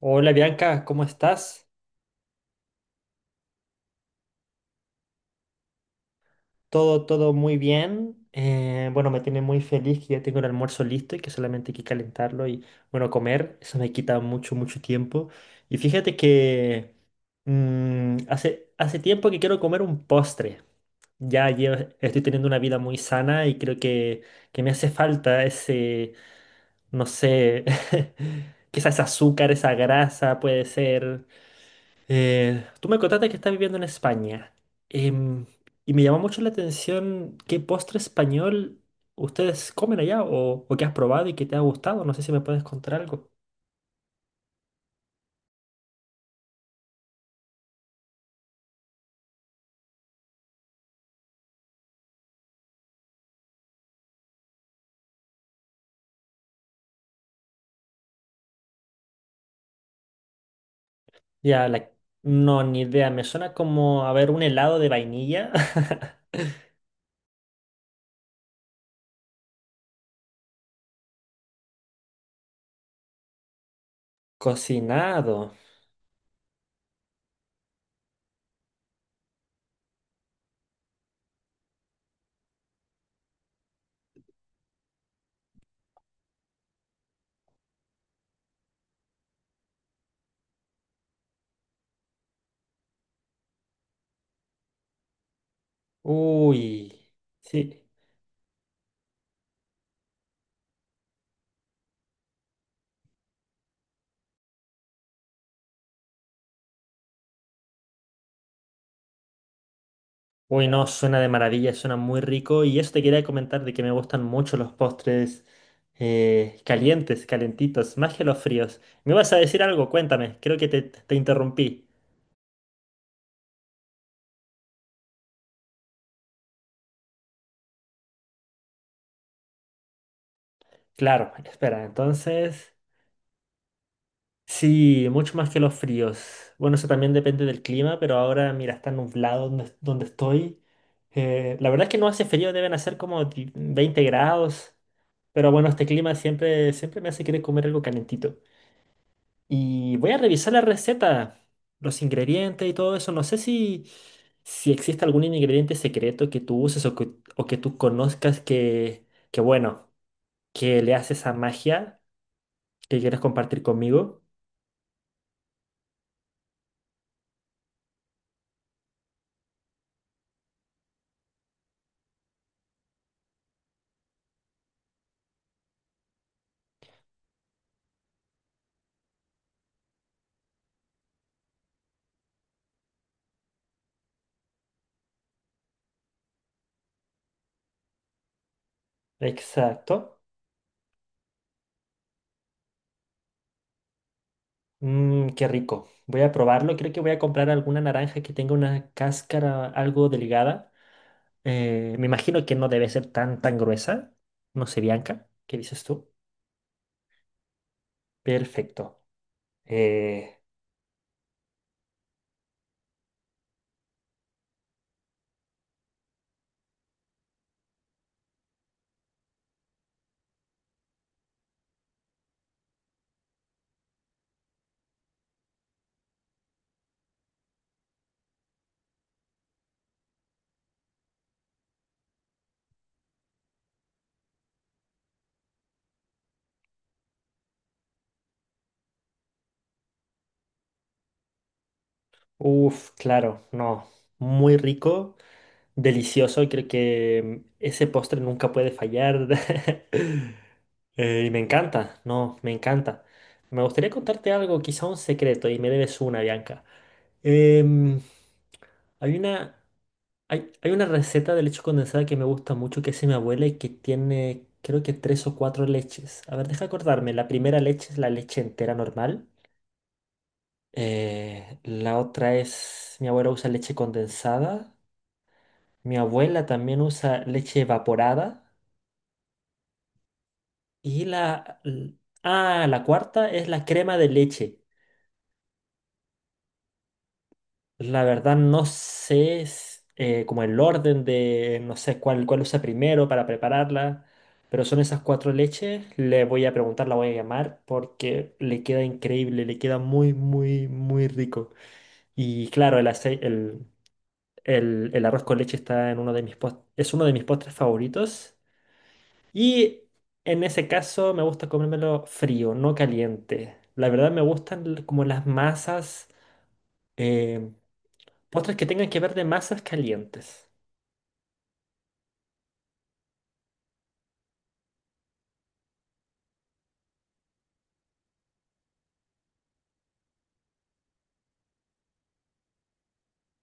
Hola Bianca, ¿cómo estás? Todo muy bien. Bueno, me tiene muy feliz que ya tengo el almuerzo listo y que solamente hay que calentarlo y, bueno, comer. Eso me quita mucho, mucho tiempo. Y fíjate que hace tiempo que quiero comer un postre. Estoy teniendo una vida muy sana y creo que me hace falta ese, no sé, quizás azúcar, esa grasa, puede ser. Tú me contaste que estás viviendo en España. Em, y me llamó mucho la atención qué postre español ustedes comen allá o qué has probado y qué te ha gustado. No sé si me puedes contar algo. Ya, la- no, ni idea. Me suena como a ver un helado de vainilla cocinado. Uy, sí. Uy, no, suena de maravilla, suena muy rico. Y eso te quería comentar de que me gustan mucho los postres calientes, calentitos, más que los fríos. ¿Me vas a decir algo? Cuéntame, creo que te interrumpí. Claro, espera, entonces... Sí, mucho más que los fríos. Bueno, eso también depende del clima, pero ahora, mira, está nublado donde, donde estoy. La verdad es que no hace frío, deben hacer como 20 grados. Pero bueno, este clima siempre, siempre me hace querer comer algo calentito. Y voy a revisar la receta, los ingredientes y todo eso. No sé si, si existe algún ingrediente secreto que tú uses o que tú conozcas que, bueno, que le hace esa magia que quieres compartir conmigo. Exacto. Mm, qué rico. Voy a probarlo. Creo que voy a comprar alguna naranja que tenga una cáscara algo delgada. Me imagino que no debe ser tan, tan gruesa. No sé, Bianca, ¿qué dices tú? Perfecto. Eh, Uf, claro, no. Muy rico, delicioso. Y creo que ese postre nunca puede fallar. Y me encanta, no, me encanta. Me gustaría contarte algo, quizá un secreto, y me debes una, Bianca. Em, hay una, Hay una receta de leche condensada que me gusta mucho, que es de mi abuela y que tiene, creo que tres o cuatro leches. A ver, deja acordarme. La primera leche es la leche entera normal. Mi abuela usa leche condensada, mi abuela también usa leche evaporada y la... l- Ah, la cuarta es la crema de leche. La verdad no sé como el orden de, no sé cuál, cuál usa primero para prepararla, pero son esas cuatro leches. Le voy a preguntar, la voy a llamar porque le queda increíble, le queda muy, muy, muy rico. Y claro, el aceite, El arroz con leche está en uno de es uno de mis postres favoritos. Y en ese caso me gusta comérmelo frío, no caliente. La verdad me gustan como las masas, eh, postres que tengan que ver de masas calientes.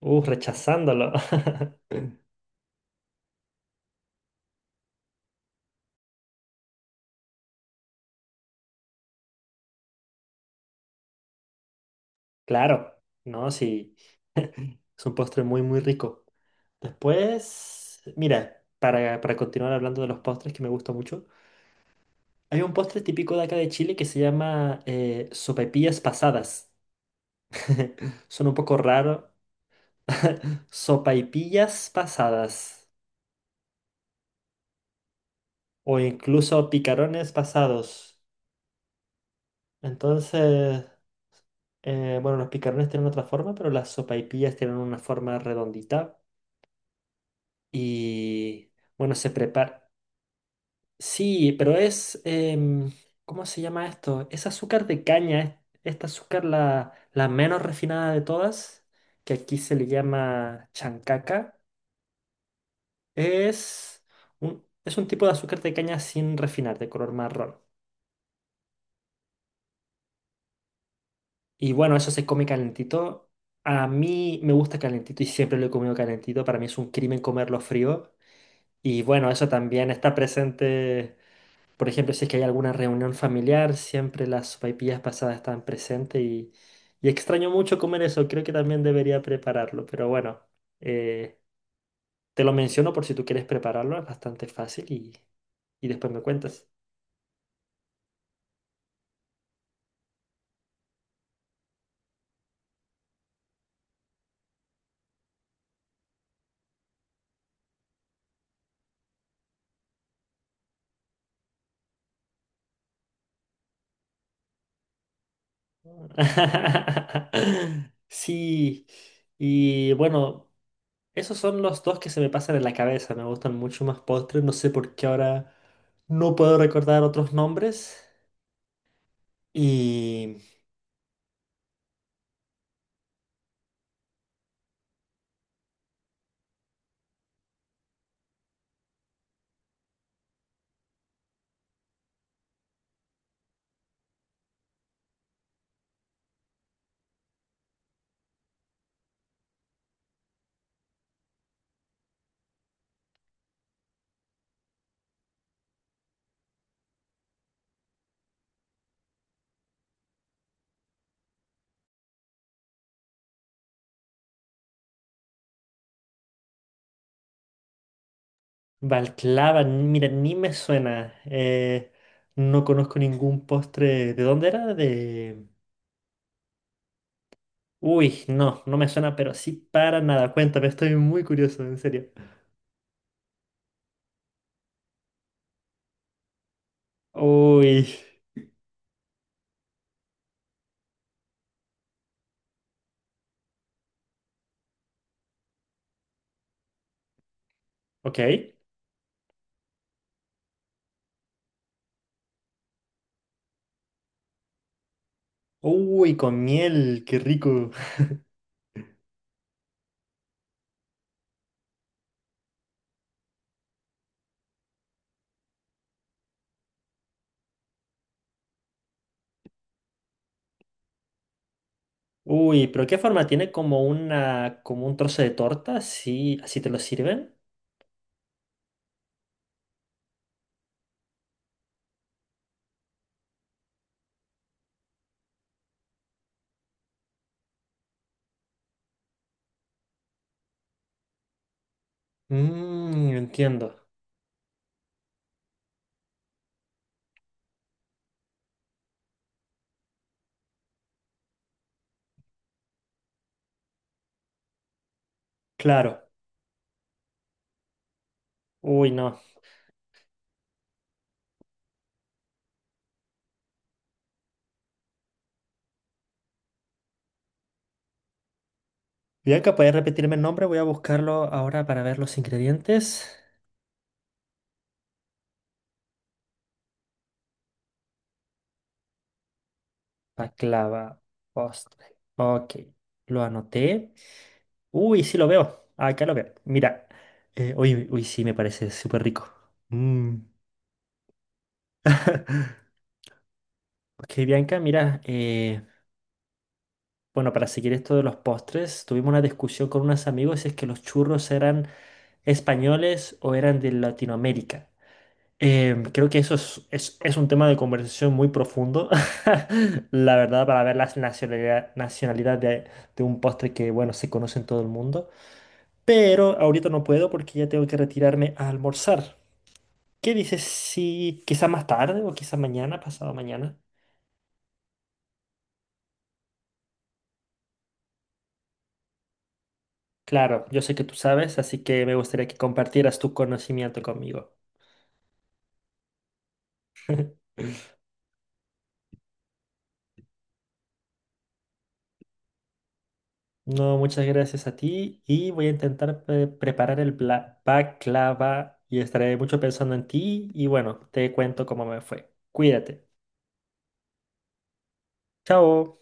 Rechazándolo. Claro, no, sí, es un postre muy, muy rico. Después, mira, para continuar hablando de los postres que me gusta mucho, hay un postre típico de acá de Chile que se llama sopaipillas pasadas. Son un poco raro. Sopaipillas pasadas o incluso picarones pasados. Entonces, bueno, los picarones tienen otra forma, pero las sopaipillas tienen una forma redondita y bueno, se prepara. Sí, pero es, em, ¿cómo se llama esto? Es azúcar de caña, esta azúcar la, la menos refinada de todas, que aquí se le llama chancaca. Es es un tipo de azúcar de caña sin refinar, de color marrón. Y bueno, eso se come calentito. A mí me gusta calentito y siempre lo he comido calentito. Para mí es un crimen comerlo frío. Y bueno, eso también está presente. Por ejemplo, si es que hay alguna reunión familiar, siempre las sopaipillas pasadas están presentes y extraño mucho comer eso. Creo que también debería prepararlo. Pero bueno, eh, te lo menciono por si tú quieres prepararlo. Es bastante fácil y después me cuentas. Sí, y bueno, esos son los dos que se me pasan en la cabeza. Me gustan mucho más postres. No sé por qué ahora no puedo recordar otros nombres. Y Balclava, mira, ni me suena. No conozco ningún postre. ¿De dónde era? De... Uy, no, no me suena, pero sí para nada. Cuéntame, estoy muy curioso, en serio. Uy, ok. Uy, con miel, qué rico. Uy, pero ¿qué forma tiene? Como una, como un trozo de torta, sí, así te lo sirven. Mmm, entiendo. Claro. Uy, no. Bianca, ¿puedes repetirme el nombre? Voy a buscarlo ahora para ver los ingredientes. Baklava, postre. Ok, lo anoté. Uy, sí lo veo. Acá lo veo. Mira. Uy, uy, sí, me parece súper rico. Mm. Ok, Bianca, mira. Bueno, para seguir esto de los postres, tuvimos una discusión con unos amigos si es que los churros eran españoles o eran de Latinoamérica. Creo que eso es un tema de conversación muy profundo, la verdad, para ver la nacionalidad, nacionalidad de un postre que, bueno, se conoce en todo el mundo. Pero ahorita no puedo porque ya tengo que retirarme a almorzar. ¿Qué dices si quizá más tarde o quizá mañana, pasado mañana? Claro, yo sé que tú sabes, así que me gustaría que compartieras tu conocimiento conmigo. No, muchas gracias a ti y voy a intentar preparar el baklava y estaré mucho pensando en ti y bueno, te cuento cómo me fue. Cuídate. Chao.